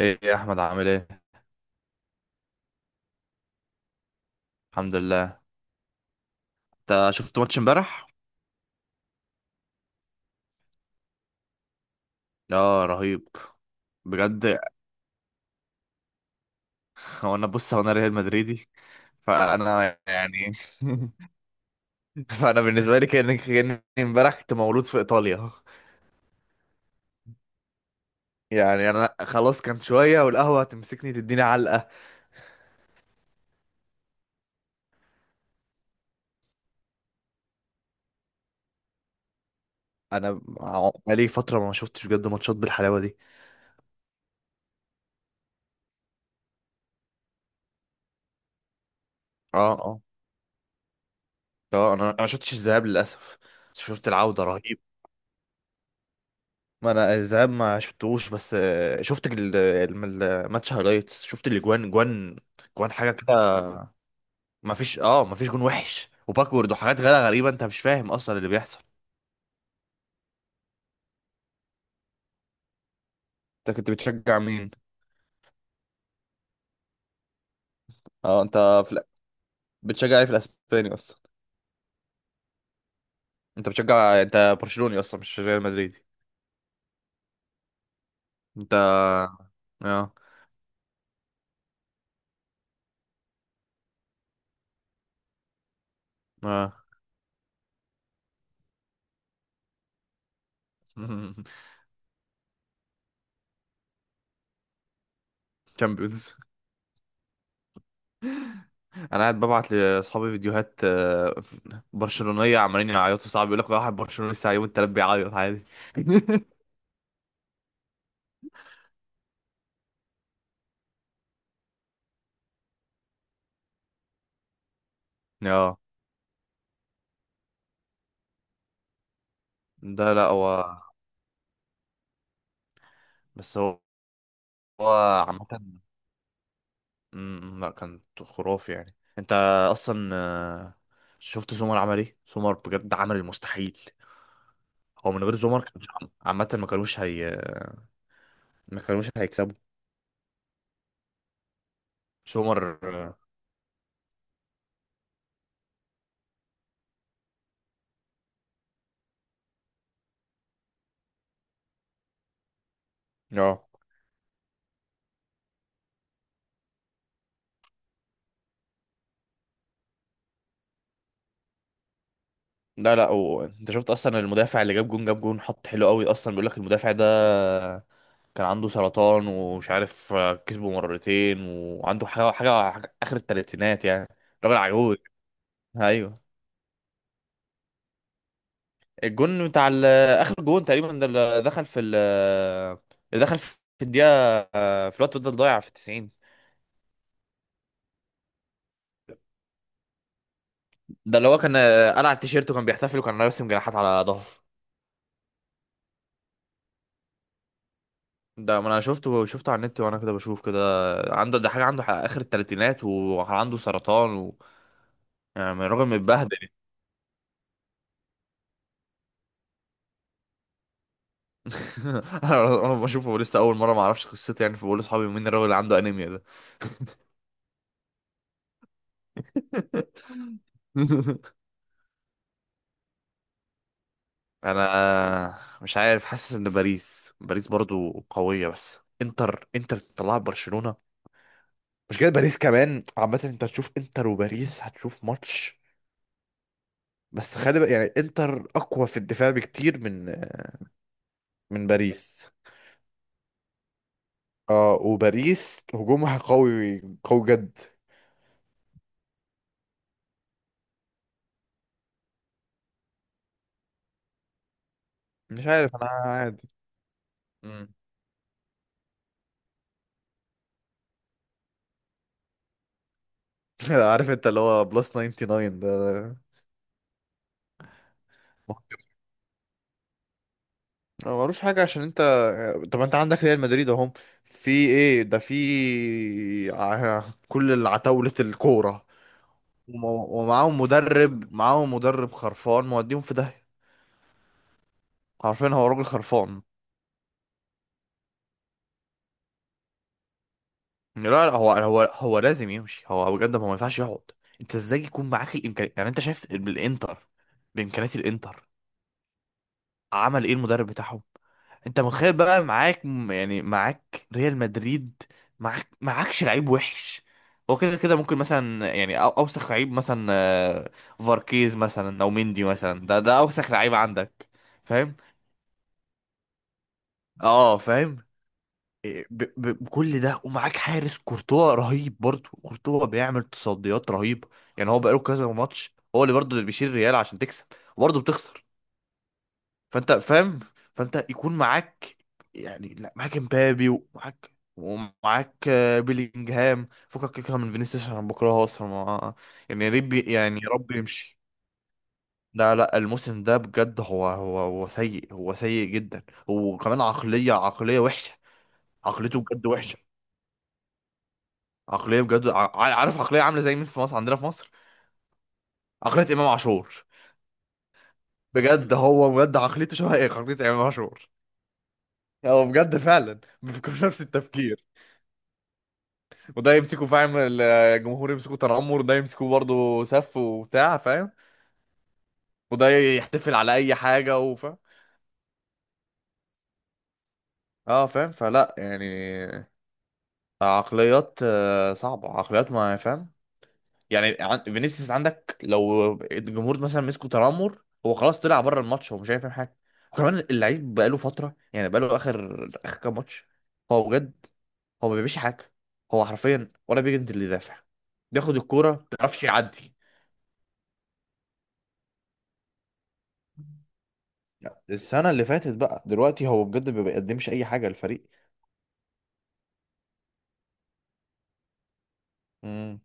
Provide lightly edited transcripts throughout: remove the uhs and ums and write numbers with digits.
ايه يا احمد، عامل ايه؟ الحمد لله. انت شفت ماتش امبارح؟ اه رهيب. بجد. هو انا ريال مدريدي. فانا يعني فانا بالنسبه لي كاني امبارح كنت مولود في ايطاليا. يعني انا خلاص كان شويه والقهوه هتمسكني تديني علقه. انا بقالي فتره ما شفتش بجد ماتشات بالحلاوه دي. اه اه اه. انا ما شفتش الذهاب للاسف. بس شفت العوده رهيبه. ما انا الذهاب ما شفتهوش، بس شفت الماتش هايلايتس، شفت الاجوان جوان. جوان حاجه كده. ما فيش ما فيش جون وحش وباكورد وحاجات غير غريبه، انت مش فاهم اصلا اللي بيحصل. انت كنت بتشجع مين؟ اه انت. في... الأ- بتشجع ايه في الاسباني اصلا؟ انت برشلوني اصلا مش ريال مدريدي؟ انت اه اه. تشامبيونز. انا قاعد ببعت لاصحابي فيديوهات برشلونيه عمالين يعيطوا، صعب. يقول لك واحد برشلوني لسه يوم التلات بيعيط عادي. اه. ده لا هو بس هو هو عامة، لا كان خرافي يعني، انت اصلا شفت زومر عمل ايه؟ زومر بجد عمل المستحيل. هو من غير زومر كان، عامة، ما كانوش ما كانوش هيكسبوا. زومر اه. آه. لا لا انت شفت اصلا المدافع اللي جاب جون حط حلو قوي اصلا؟ بيقول لك المدافع ده كان عنده سرطان ومش عارف كسبه مرتين، وعنده حاجة اخر التلاتينات يعني. راجل عجوز. ايوه. الجون اخر جون تقريبا، ده اللي دخل في الدقيقه في الوقت بدل ضايع في 90. ده اللي هو كان قلع التيشيرت وكان بيحتفل وكان راسم جناحات على ظهره. ده ما انا شفته، شفته على النت وانا كده بشوف كده عنده، ده حاجه عنده اخر الثلاثينات وعنده سرطان و... يعني الراجل متبهدل. انا بشوفه لسه اول مره، ما اعرفش قصته يعني، فبقول لاصحابي مين الراجل اللي عنده انيميا ده. انا مش عارف، حاسس ان باريس برضو قوية، بس انتر تطلع برشلونة. مش كده؟ باريس كمان، عامة انت هتشوف انتر وباريس هتشوف ماتش. بس خلي بقى، يعني انتر اقوى في الدفاع بكتير من من باريس. اه وباريس هجومها قوي قوي جد. مش عارف، انا عادي. مم. عارف انت اللي هو بلس 99 ده؟ ما ملوش حاجة عشان انت، طب انت عندك ريال مدريد، اهم في ايه ده؟ كل العتاولة الكورة، ومعاهم مدرب خرفان موديهم في داهية. عارفين، هو راجل خرفان. لا لا هو لازم يمشي، هو بجد، هو ما ينفعش يقعد. انت ازاي يكون معاك الامكانيات، يعني انت شايف بالانتر، بامكانيات الانتر، عمل ايه المدرب بتاعهم؟ انت متخيل بقى معاك يعني معاك ريال مدريد؟ معاكش لعيب وحش. هو كده كده، ممكن مثلا يعني اوسخ لعيب مثلا فاركيز مثلا او مندي مثلا، ده اوسخ لعيب عندك. فاهم؟ اه فاهم. بكل ده، ومعاك حارس كورتوا رهيب برضه. كورتوا بيعمل تصديات رهيبة، يعني هو بقاله كذا ماتش هو اللي برضه اللي بيشيل الريال عشان تكسب، وبرضه بتخسر. فانت فاهم. فانت يكون معاك، يعني لا، معاك امبابي، ومعاك ومعاك بيلينجهام، فكك كده من فينيسيوس عشان أنا بكرهه اصلا ما. يعني يا رب، يعني يا رب يمشي. لا لا الموسم ده بجد، هو سيء، هو سيء جدا، وكمان عقلية وحشة. عقليته بجد وحشة. عقلية بجد، عارف عقلية عاملة زي مين في مصر؟ عندنا في مصر عقلية إمام عاشور. بجد، هو بجد عقليته شبه ايه؟ عقلية إمام عاشور. هو بجد فعلا بيفكر نفس التفكير. وده يمسكوا فاهم الجمهور يمسكوا تنمر، وده يمسكوا برضه سف وبتاع فاهم، وده يحتفل على اي حاجه وفاهم. اه فاهم. فلا يعني عقليات صعبه، عقليات ما فاهم. يعني فينيسيوس عندك، لو الجمهور مثلا مسكوا تنمر، هو خلاص طلع بره الماتش، هو مش هيفهم حاجه. وكمان اللعيب بقاله فتره يعني، بقاله اخر كام ماتش هو بجد هو ما بيعملش حاجه. هو حرفيا ولا بيجند اللي يدافع، بياخد الكوره ما بيعرفش يعدي. السنة اللي فاتت بقى، دلوقتي هو بجد ما بيقدمش أي حاجة للفريق. امم.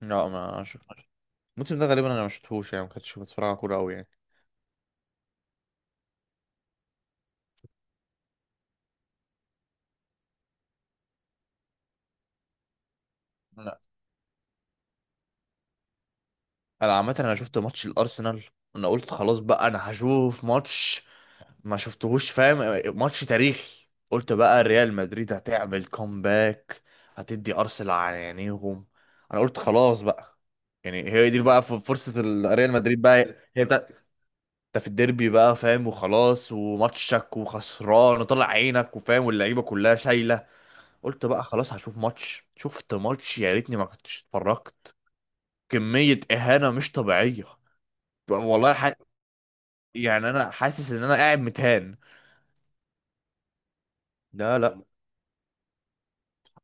لا ما شفتش. الموسم ده غالبا انا ما شفتهوش يعني، ما كنتش بتفرج على كوره قوي يعني. لا انا عامه انا شفت ماتش الارسنال، انا قلت خلاص بقى انا هشوف ماتش ما شفتهوش فاهم، ماتش تاريخي، قلت بقى ريال مدريد هتعمل كومباك، هتدي ارسنال على عينيهم، انا قلت خلاص بقى، يعني هي دي بقى فرصه ريال مدريد بقى، هي انت في الديربي بقى فاهم، وخلاص، وماتشك، وخسران، وطلع عينك، وفاهم، واللعيبه كلها شايله، قلت بقى خلاص هشوف ماتش. شفت ماتش يا ريتني ما كنتش اتفرجت. كميه اهانه مش طبيعيه. والله ح... يعني انا حاسس ان انا قاعد متهان. لا لا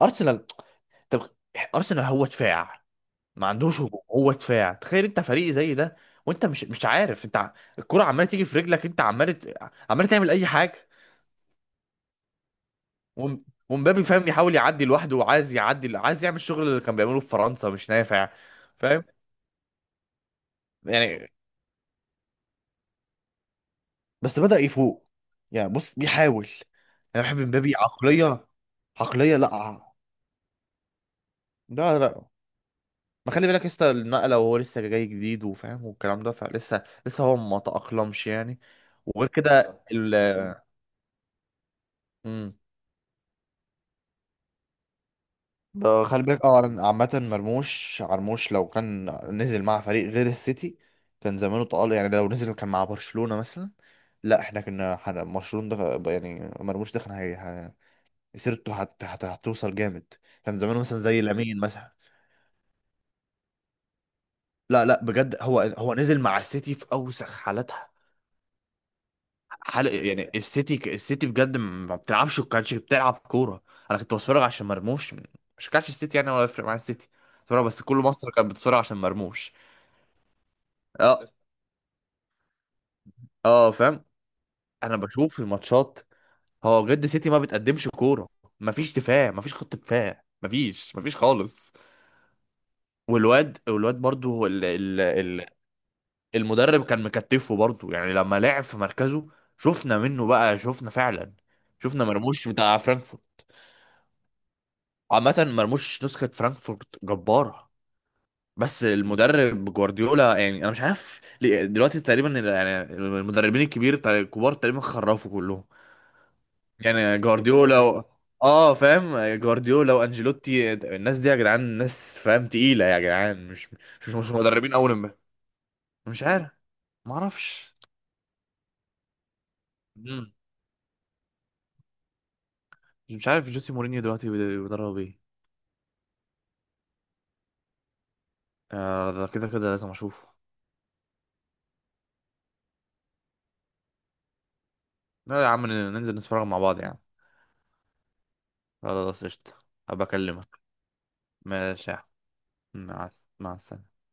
ارسنال، طب ارسنال هو دفاع، ما عندوش هجوم، هو دفاع، تخيل انت فريق زي ده، وانت مش عارف انت الكرة عماله تيجي في رجلك، انت عمال عمال تعمل اي حاجه. ومبابي فاهم يحاول يعدي لوحده، وعايز يعدي، عايز يعمل الشغل اللي كان بيعمله في فرنسا، مش نافع. فاهم يعني. بس بدأ يفوق، يعني بص بيحاول. انا بحب مبابي عقلية. عقلية لا لا لا ما خلي بالك لسه النقلة، وهو لسه جاي جديد وفاهم والكلام ده، فلسه هو ما تأقلمش يعني. وغير كده ال مم. ده خلي بالك، اه أنا عامة مرموش، مرموش لو كان نزل مع فريق غير السيتي كان زمانه طال، يعني لو نزل كان مع برشلونة مثلا، لا احنا كنا برشلونة ده، يعني مرموش ده كان سيرته هتوصل جامد. كان زمانه مثلا زي لامين مثلا. لا لا بجد، هو هو نزل مع السيتي في اوسخ حالاتها، حال يعني. السيتي بجد ما بتلعبش، وكانتش بتلعب كورة. انا كنت بتفرج عشان مرموش، مش كانش السيتي يعني، ولا يفرق مع السيتي، بتفرج بس. كل مصر كانت بتتفرج عشان مرموش. اه. اه فاهم. انا بشوف في الماتشات، هو بجد سيتي ما بتقدمش كوره. ما فيش دفاع، ما فيش خط دفاع، ما فيش ما فيش خالص. والواد برضو هو ال... ال... ال... المدرب كان مكتفه برضو يعني، لما لعب في مركزه شفنا منه بقى، شفنا فعلا، شفنا مرموش بتاع فرانكفورت. عامة مرموش نسخة فرانكفورت جبارة. بس المدرب جوارديولا، يعني انا مش عارف دلوقتي تقريبا يعني المدربين الكبار تقريبا خرفوا كلهم، يعني جوارديولا و... اه فاهم، جوارديولا وانجيلوتي، الناس دي يا جدعان ناس فاهم تقيله يا جدعان، مش مدربين اول امبارح. مش عارف. ما اعرفش. مم. مش عارف جوسي مورينيو دلوقتي بيدرب ايه. آه، ده كده كده لازم اشوفه. لا يا عم، ننزل نتفرج مع بعض يعني. خلاص قشطة، هبقى اكلمك. ماشي يا عم. مع السلامه.